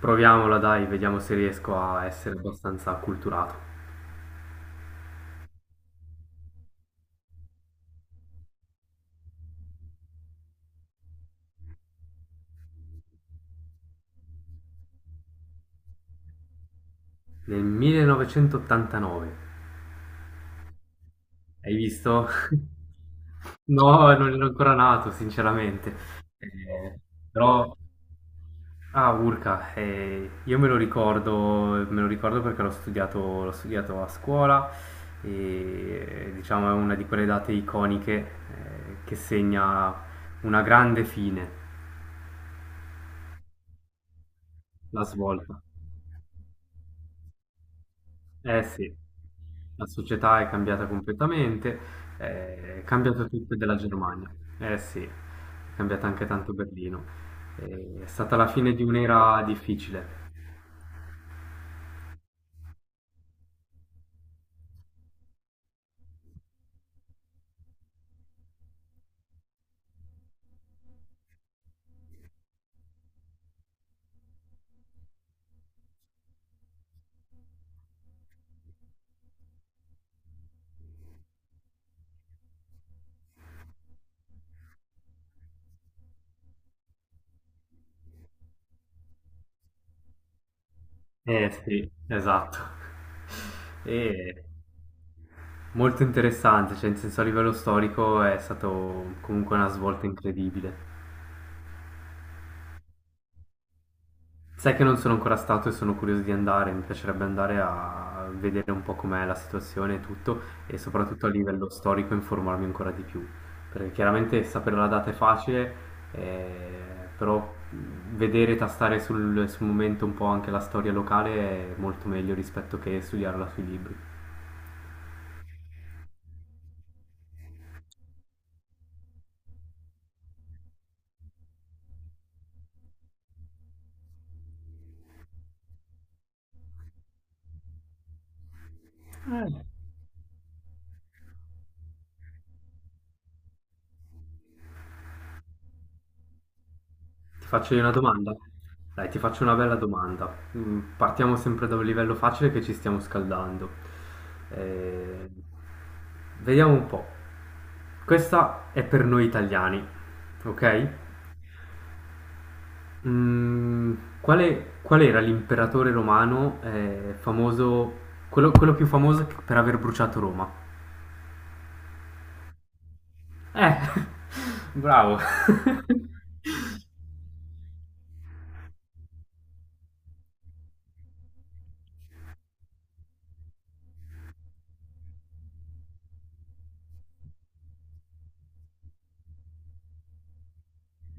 Proviamola dai, vediamo se riesco a essere abbastanza acculturato. Nel 1989, hai visto? No, non ero ancora nato, sinceramente. Eh, però, ah, Urca, io me lo ricordo perché l'ho studiato a scuola e diciamo è una di quelle date iconiche che segna una grande fine, la svolta. Eh sì, la società è cambiata completamente, è cambiato tutto della Germania. Eh sì, è cambiata anche tanto Berlino. È stata la fine di un'era difficile. Eh sì, esatto. E molto interessante, cioè in senso a livello storico è stato comunque una svolta incredibile. Sai che non sono ancora stato e sono curioso di andare, mi piacerebbe andare a vedere un po' com'è la situazione e tutto, e soprattutto a livello storico informarmi ancora di più, perché chiaramente sapere la data è facile, però vedere, tastare sul momento un po' anche la storia locale è molto meglio rispetto che studiarla sui libri. Ti faccio io una domanda? Dai, ti faccio una bella domanda. Partiamo sempre da un livello facile che ci stiamo scaldando. Eh, vediamo un po'. Questa è per noi italiani, ok? Mm, qual era l'imperatore romano famoso, quello più famoso per aver bruciato Roma? Eh, bravo.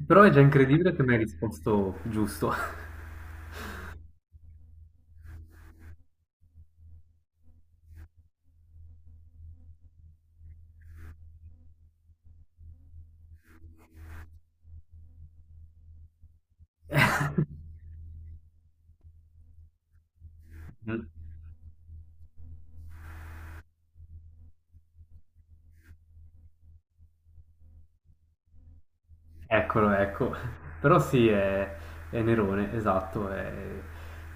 Però è già incredibile che mi hai risposto giusto. Eccolo, ecco. Però sì, è Nerone, esatto,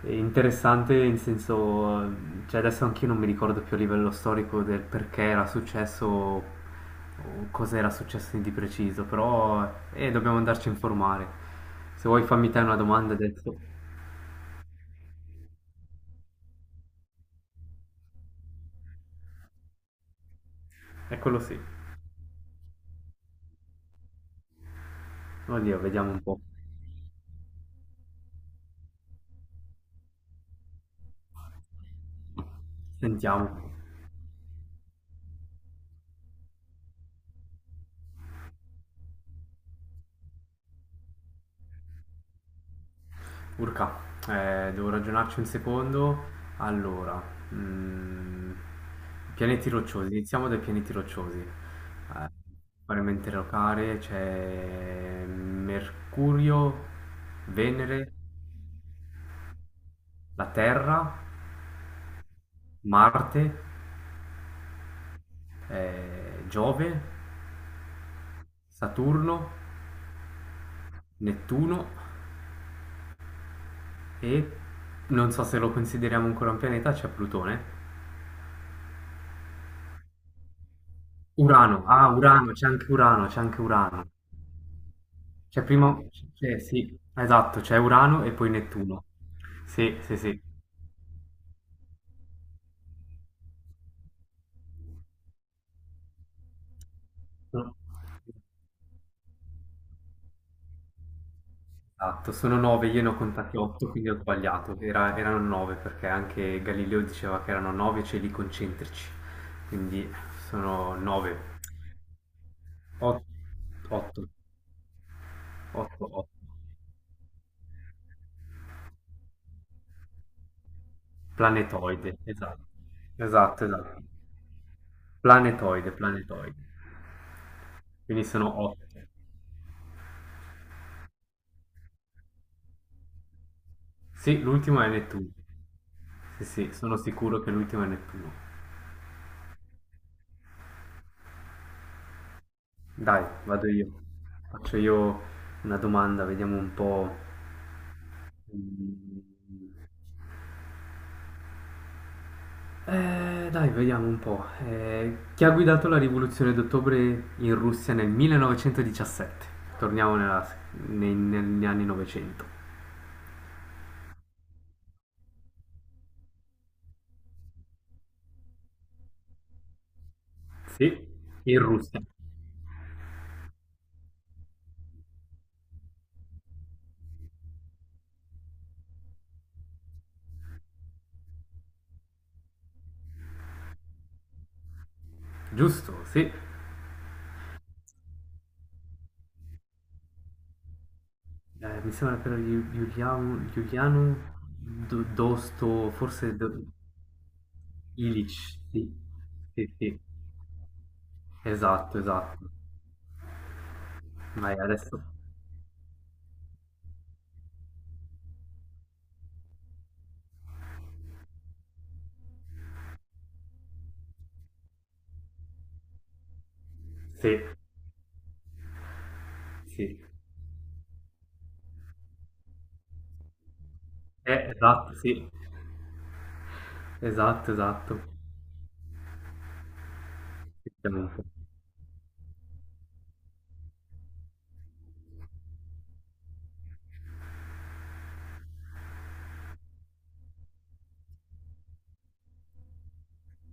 è interessante in senso, cioè adesso anch'io non mi ricordo più a livello storico del perché era successo o cosa era successo di preciso, però dobbiamo andarci a informare. Se vuoi fammi te una domanda adesso. Eccolo sì. Oddio, vediamo un po'. Sentiamo. Urca, devo ragionarci un secondo. Allora, mm, pianeti rocciosi, iniziamo dai pianeti rocciosi. Paramente locare c'è Mercurio, Venere, la Terra, Marte, Giove, Saturno, Nettuno e non so se lo consideriamo ancora un pianeta, c'è Plutone. Urano, Urano, c'è anche Urano. C'è prima, sì, esatto, c'è Urano e poi Nettuno. Sì, sì, sì. No. Esatto, sono nove, io ne ho contati otto, quindi ho sbagliato. Erano nove perché anche Galileo diceva che erano nove cieli concentrici, quindi sono nove. Ot- Otto, otto, otto. Planetoide, esatto, esatto, esatto. Planetoide, planetoide. Quindi sono otto. Sì, l'ultimo è Nettuno. Sì, sì, sono sicuro che l'ultimo è Nettuno. Dai, vado io. Faccio io una domanda, vediamo un po'. Mm, dai, vediamo un po'. Chi ha guidato la rivoluzione d'ottobre in Russia nel 1917? Torniamo negli anni 900. Sì, in Russia. Giusto, sì. Mi sembra per Giuliano, Giuliano Dosto, forse Ilich, sì. Sì, sì. Esatto, esatto. Vai, adesso. Sì, sì. Esatto, sì. Esatto, esatto. Effettivamente.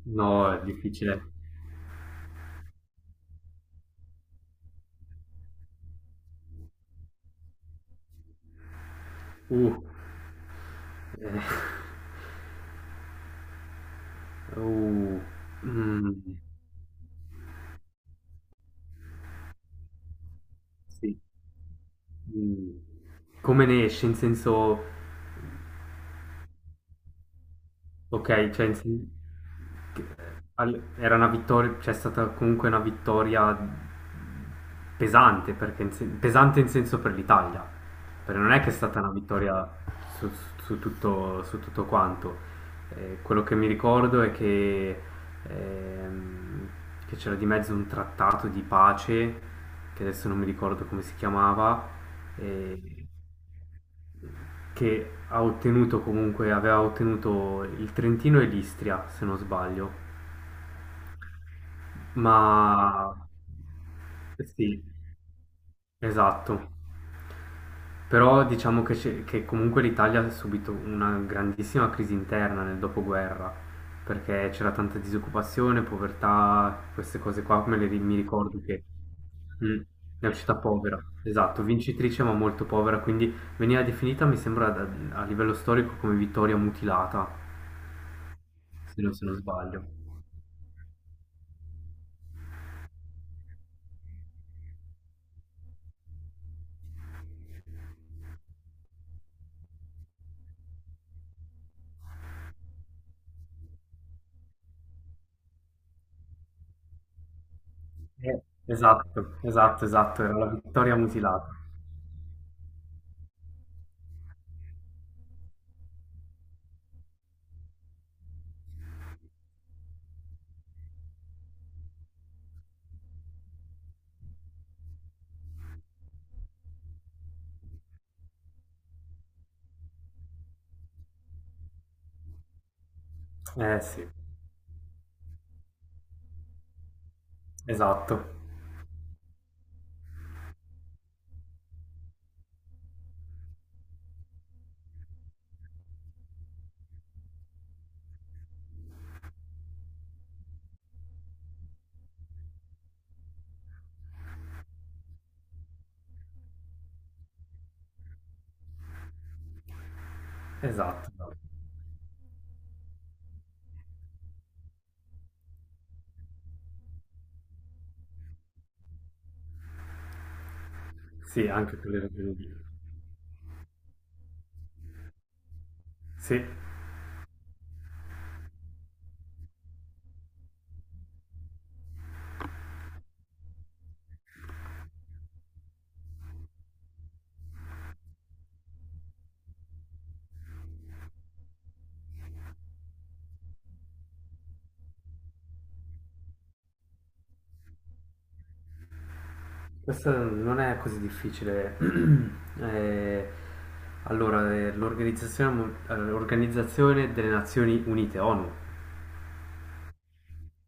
No, è difficile. Uh, eh, uh, mm, sì. Mm. Come ne esce, in senso... Ok, che- era una vittoria, c'è stata comunque una vittoria pesante, perché pesante in senso per l'Italia, perché non è che è stata una vittoria su, su tutto quanto. Quello che mi ricordo è che ehm, che c'era di mezzo un trattato di pace, che adesso non mi ricordo come si chiamava, e che ha ottenuto comunque aveva ottenuto il Trentino e l'Istria, se non sbaglio. Ma sì, esatto. Però diciamo che comunque l'Italia ha subito una grandissima crisi interna nel dopoguerra, perché c'era tanta disoccupazione, povertà, queste cose qua, mi ricordo che mm, è uscita povera, esatto, vincitrice ma molto povera, quindi veniva definita, mi sembra, a livello storico come vittoria mutilata. Se non, se non sbaglio. Esatto, esatto, esatto, era la vittoria mutilata. Eh sì, esatto, esatto, esatto. Sì, anche per le ragioni di... Sì, questo non è così difficile. Eh, allora, l'Organizzazione delle Nazioni Unite, ONU,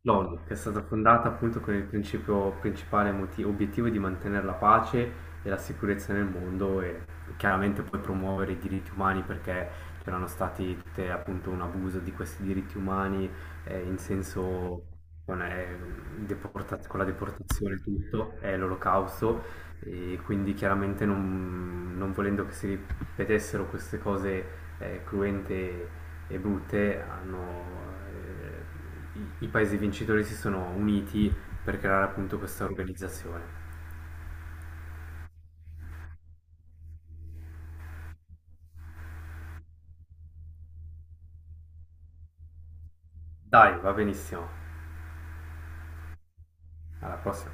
L'ONU, che è stata fondata appunto con il principio principale obiettivo di mantenere la pace e la sicurezza nel mondo e chiaramente poi promuovere i diritti umani perché c'erano stati tutte, appunto un abuso di questi diritti umani in senso con, eh, con la deportazione e tutto, è l'olocausto e quindi chiaramente non volendo che si vedessero queste cose cruente e brutte, hanno, i paesi vincitori si sono uniti per creare appunto questa organizzazione. Dai, va benissimo. Alla prossima.